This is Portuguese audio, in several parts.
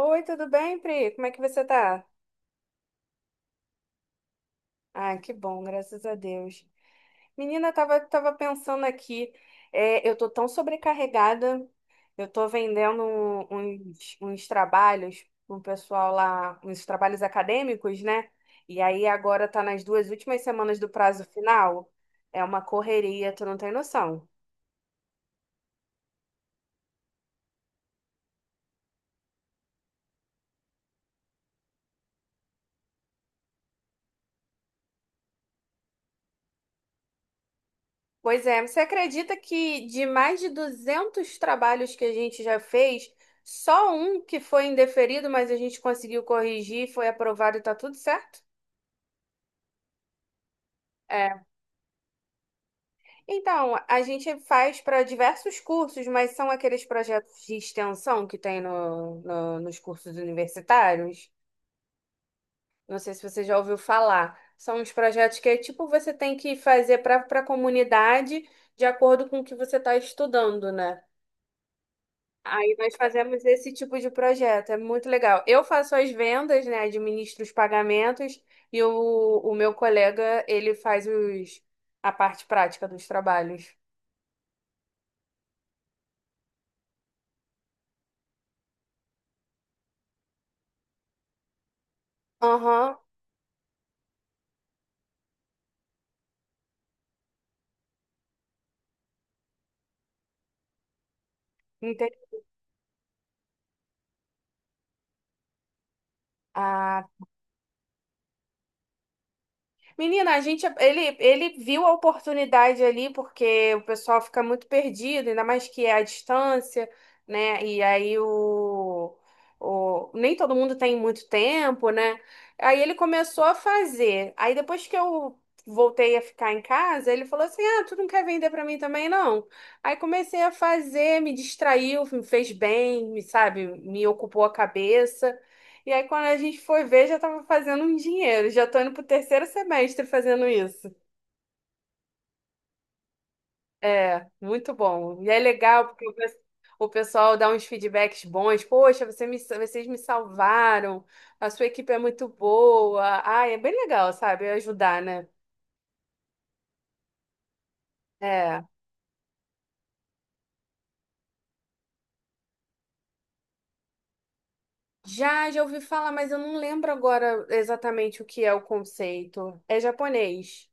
Oi, tudo bem, Pri? Como é que você tá? Ah, que bom, graças a Deus. Menina, eu tava pensando aqui, eu tô tão sobrecarregada, eu tô vendendo uns trabalhos com o pessoal lá, uns trabalhos acadêmicos, né? E aí agora tá nas duas últimas semanas do prazo final, é uma correria, tu não tem noção. Pois é, você acredita que de mais de 200 trabalhos que a gente já fez, só um que foi indeferido, mas a gente conseguiu corrigir, foi aprovado e tá tudo certo? É. Então, a gente faz para diversos cursos, mas são aqueles projetos de extensão que tem nos cursos universitários. Não sei se você já ouviu falar. São uns projetos que é tipo você tem que fazer para a comunidade de acordo com o que você está estudando, né? Aí nós fazemos esse tipo de projeto, é muito legal. Eu faço as vendas, né? Administro os pagamentos e o meu colega, ele faz a parte prática dos trabalhos. Aham, entendi. Ah, menina, a gente, ele viu a oportunidade ali, porque o pessoal fica muito perdido, ainda mais que é à distância, né? E aí nem todo mundo tem muito tempo, né? Aí ele começou a fazer. Aí depois que eu voltei a ficar em casa, ele falou assim: ah, tu não quer vender pra mim também, não? Aí comecei a fazer, me distraiu, me fez bem, me, sabe, me ocupou a cabeça. E aí, quando a gente foi ver, já estava fazendo um dinheiro. Já estou indo para o terceiro semestre fazendo isso. É, muito bom. E é legal, porque o pessoal dá uns feedbacks bons. Poxa, você me, vocês me salvaram. A sua equipe é muito boa. Ah, é bem legal, sabe? Ajudar, né? É. Já, já ouvi falar, mas eu não lembro agora exatamente o que é o conceito. É japonês.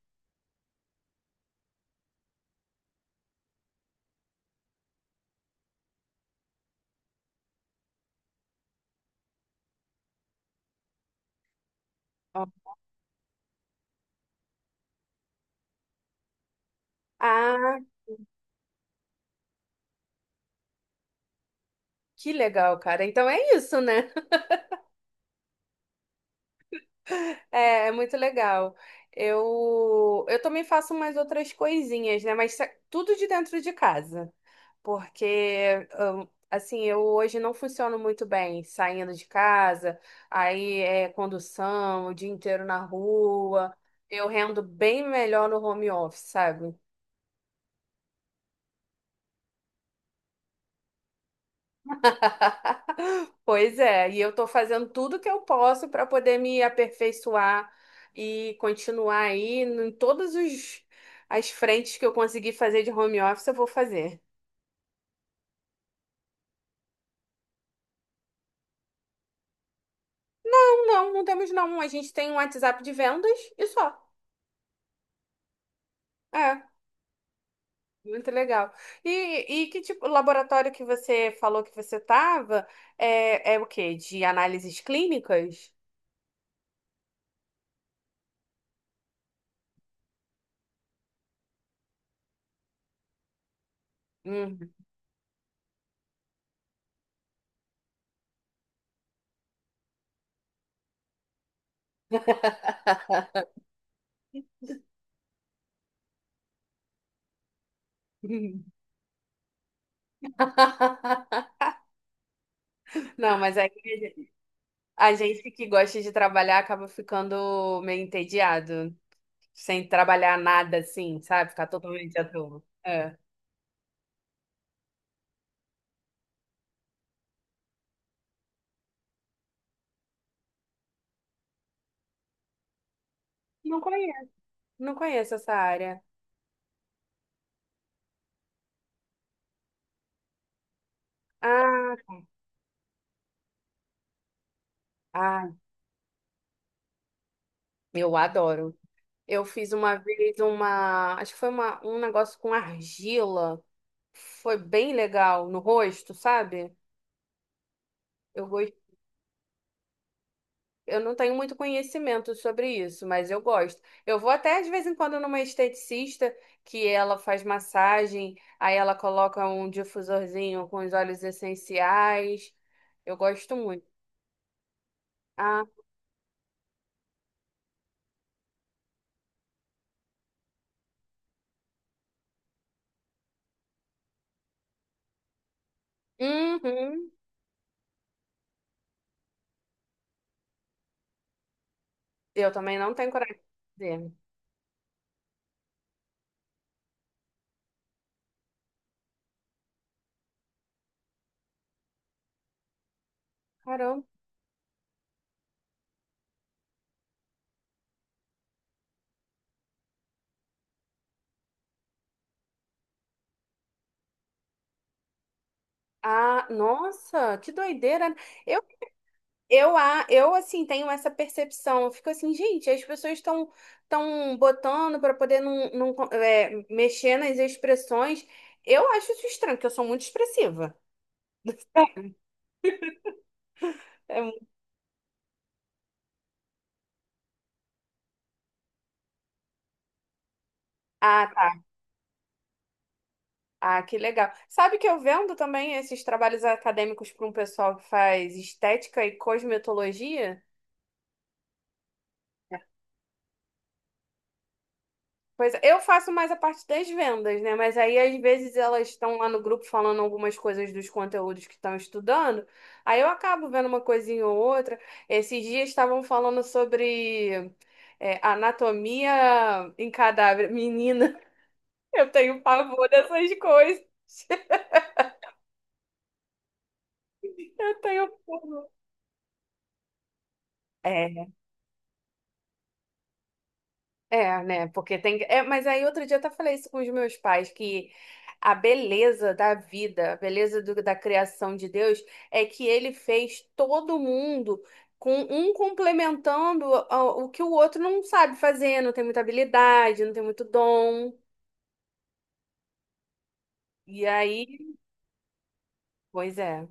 Ó. Ah, que legal, cara. Então é isso, né? É, é muito legal. Eu também faço umas outras coisinhas, né? Mas tudo de dentro de casa. Porque, assim, eu hoje não funciono muito bem saindo de casa, aí é condução, o dia inteiro na rua. Eu rendo bem melhor no home office, sabe? Pois é, e eu estou fazendo tudo que eu posso para poder me aperfeiçoar e continuar aí em as frentes que eu conseguir fazer de home office, eu vou fazer. Não, temos não. A gente tem um WhatsApp de vendas e só. É, muito legal. E, e que tipo, o laboratório que você falou que você estava é o quê? De análises clínicas? Hum. Não, mas aí a gente que gosta de trabalhar acaba ficando meio entediado, sem trabalhar nada assim, sabe? Ficar totalmente à toa. É. Não conheço. Não conheço essa área. Ah, ah, eu adoro. Eu fiz uma vez uma, acho que foi uma, um negócio com argila. Foi bem legal no rosto, sabe? Eu go- Eu não tenho muito conhecimento sobre isso, mas eu gosto. Eu vou até de vez em quando numa esteticista que ela faz massagem, aí ela coloca um difusorzinho com os óleos essenciais. Eu gosto muito. Ah, uhum. Eu também não tenho coragem de fazer. Caramba. Ah, nossa, que doideira. Né? Eu assim, tenho essa percepção. Eu fico assim, gente, as pessoas estão tão botando para poder não, não, é, mexer nas expressões. Eu acho isso estranho, porque eu sou muito expressiva. É mu- ah, tá. Ah, que legal. Sabe que eu vendo também esses trabalhos acadêmicos para um pessoal que faz estética e cosmetologia? Pois é, eu faço mais a parte das vendas, né? Mas aí às vezes elas estão lá no grupo falando algumas coisas dos conteúdos que estão estudando. Aí eu acabo vendo uma coisinha ou outra. Esses dias estavam falando sobre anatomia em cadáver. Menina, eu tenho pavor dessas coisas. Eu tenho pavor. É, é, né? Porque tem. É, mas aí outro dia eu até falei isso com os meus pais, que a beleza da vida, a beleza da criação de Deus é que ele fez todo mundo com um complementando o que o outro não sabe fazer, não tem muita habilidade, não tem muito dom. E aí, pois é.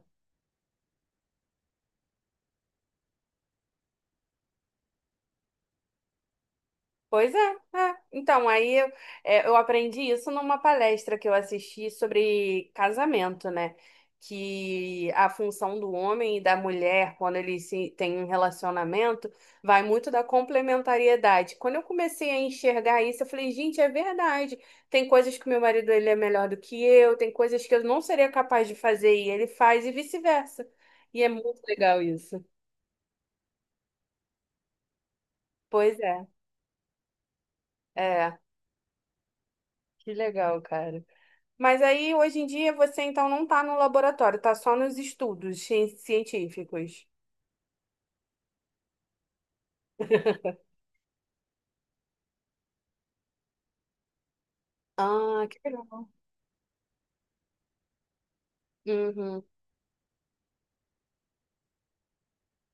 Pois é, é. Então, eu aprendi isso numa palestra que eu assisti sobre casamento, né? Que a função do homem e da mulher, quando eles têm um relacionamento, vai muito da complementariedade. Quando eu comecei a enxergar isso, eu falei, gente, é verdade. Tem coisas que meu marido ele é melhor do que eu, tem coisas que eu não seria capaz de fazer e ele faz, e vice-versa. E é muito legal isso. Pois é, é, que legal, cara. Mas aí, hoje em dia, você então não está no laboratório, está só nos estudos científicos. Ah, que legal. Uhum.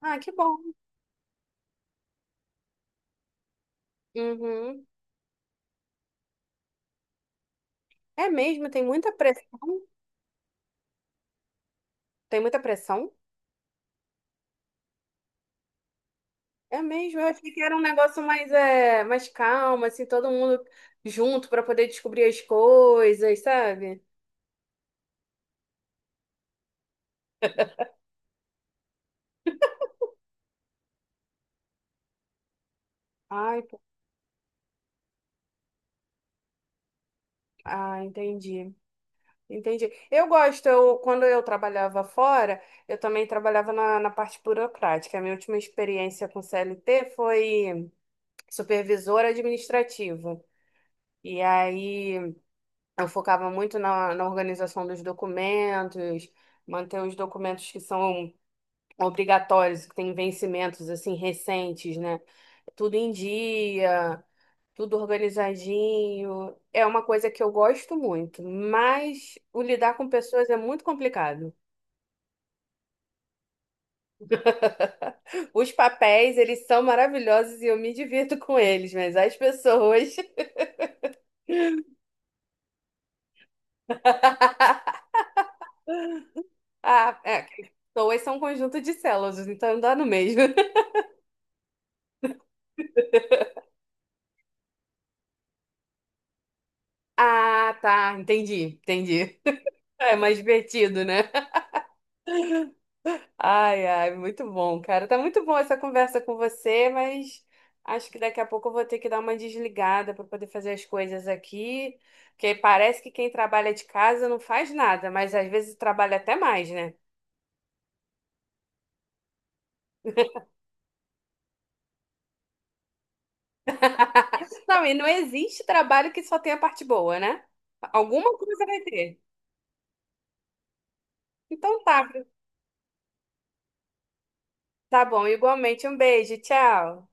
Ah, que bom. Uhum. É mesmo, tem muita pressão. Tem muita pressão? É mesmo, eu achei que era um negócio mais calmo, assim, todo mundo junto para poder descobrir as coisas, sabe? Ai, pô, ah, entendi. Entendi. Quando eu trabalhava fora, eu também trabalhava na parte burocrática. A minha última experiência com CLT foi supervisora administrativa. E aí eu focava muito na organização dos documentos, manter os documentos que são obrigatórios, que têm vencimentos assim recentes, né? Tudo em dia, tudo organizadinho. É uma coisa que eu gosto muito, mas o lidar com pessoas é muito complicado. Os papéis, eles são maravilhosos e eu me divirto com eles, mas as pessoas. Ah, é, que pessoas são um conjunto de células, então dá no mesmo. Ah, tá, entendi, entendi. É mais divertido, né? Ai, ai, muito bom, cara. Tá muito bom essa conversa com você, mas acho que daqui a pouco eu vou ter que dar uma desligada para poder fazer as coisas aqui, porque parece que quem trabalha de casa não faz nada, mas às vezes trabalha até mais, né? Não, e não existe trabalho que só tenha parte boa, né? Alguma coisa vai ter. Então tá, tá bom, igualmente. Um beijo, tchau.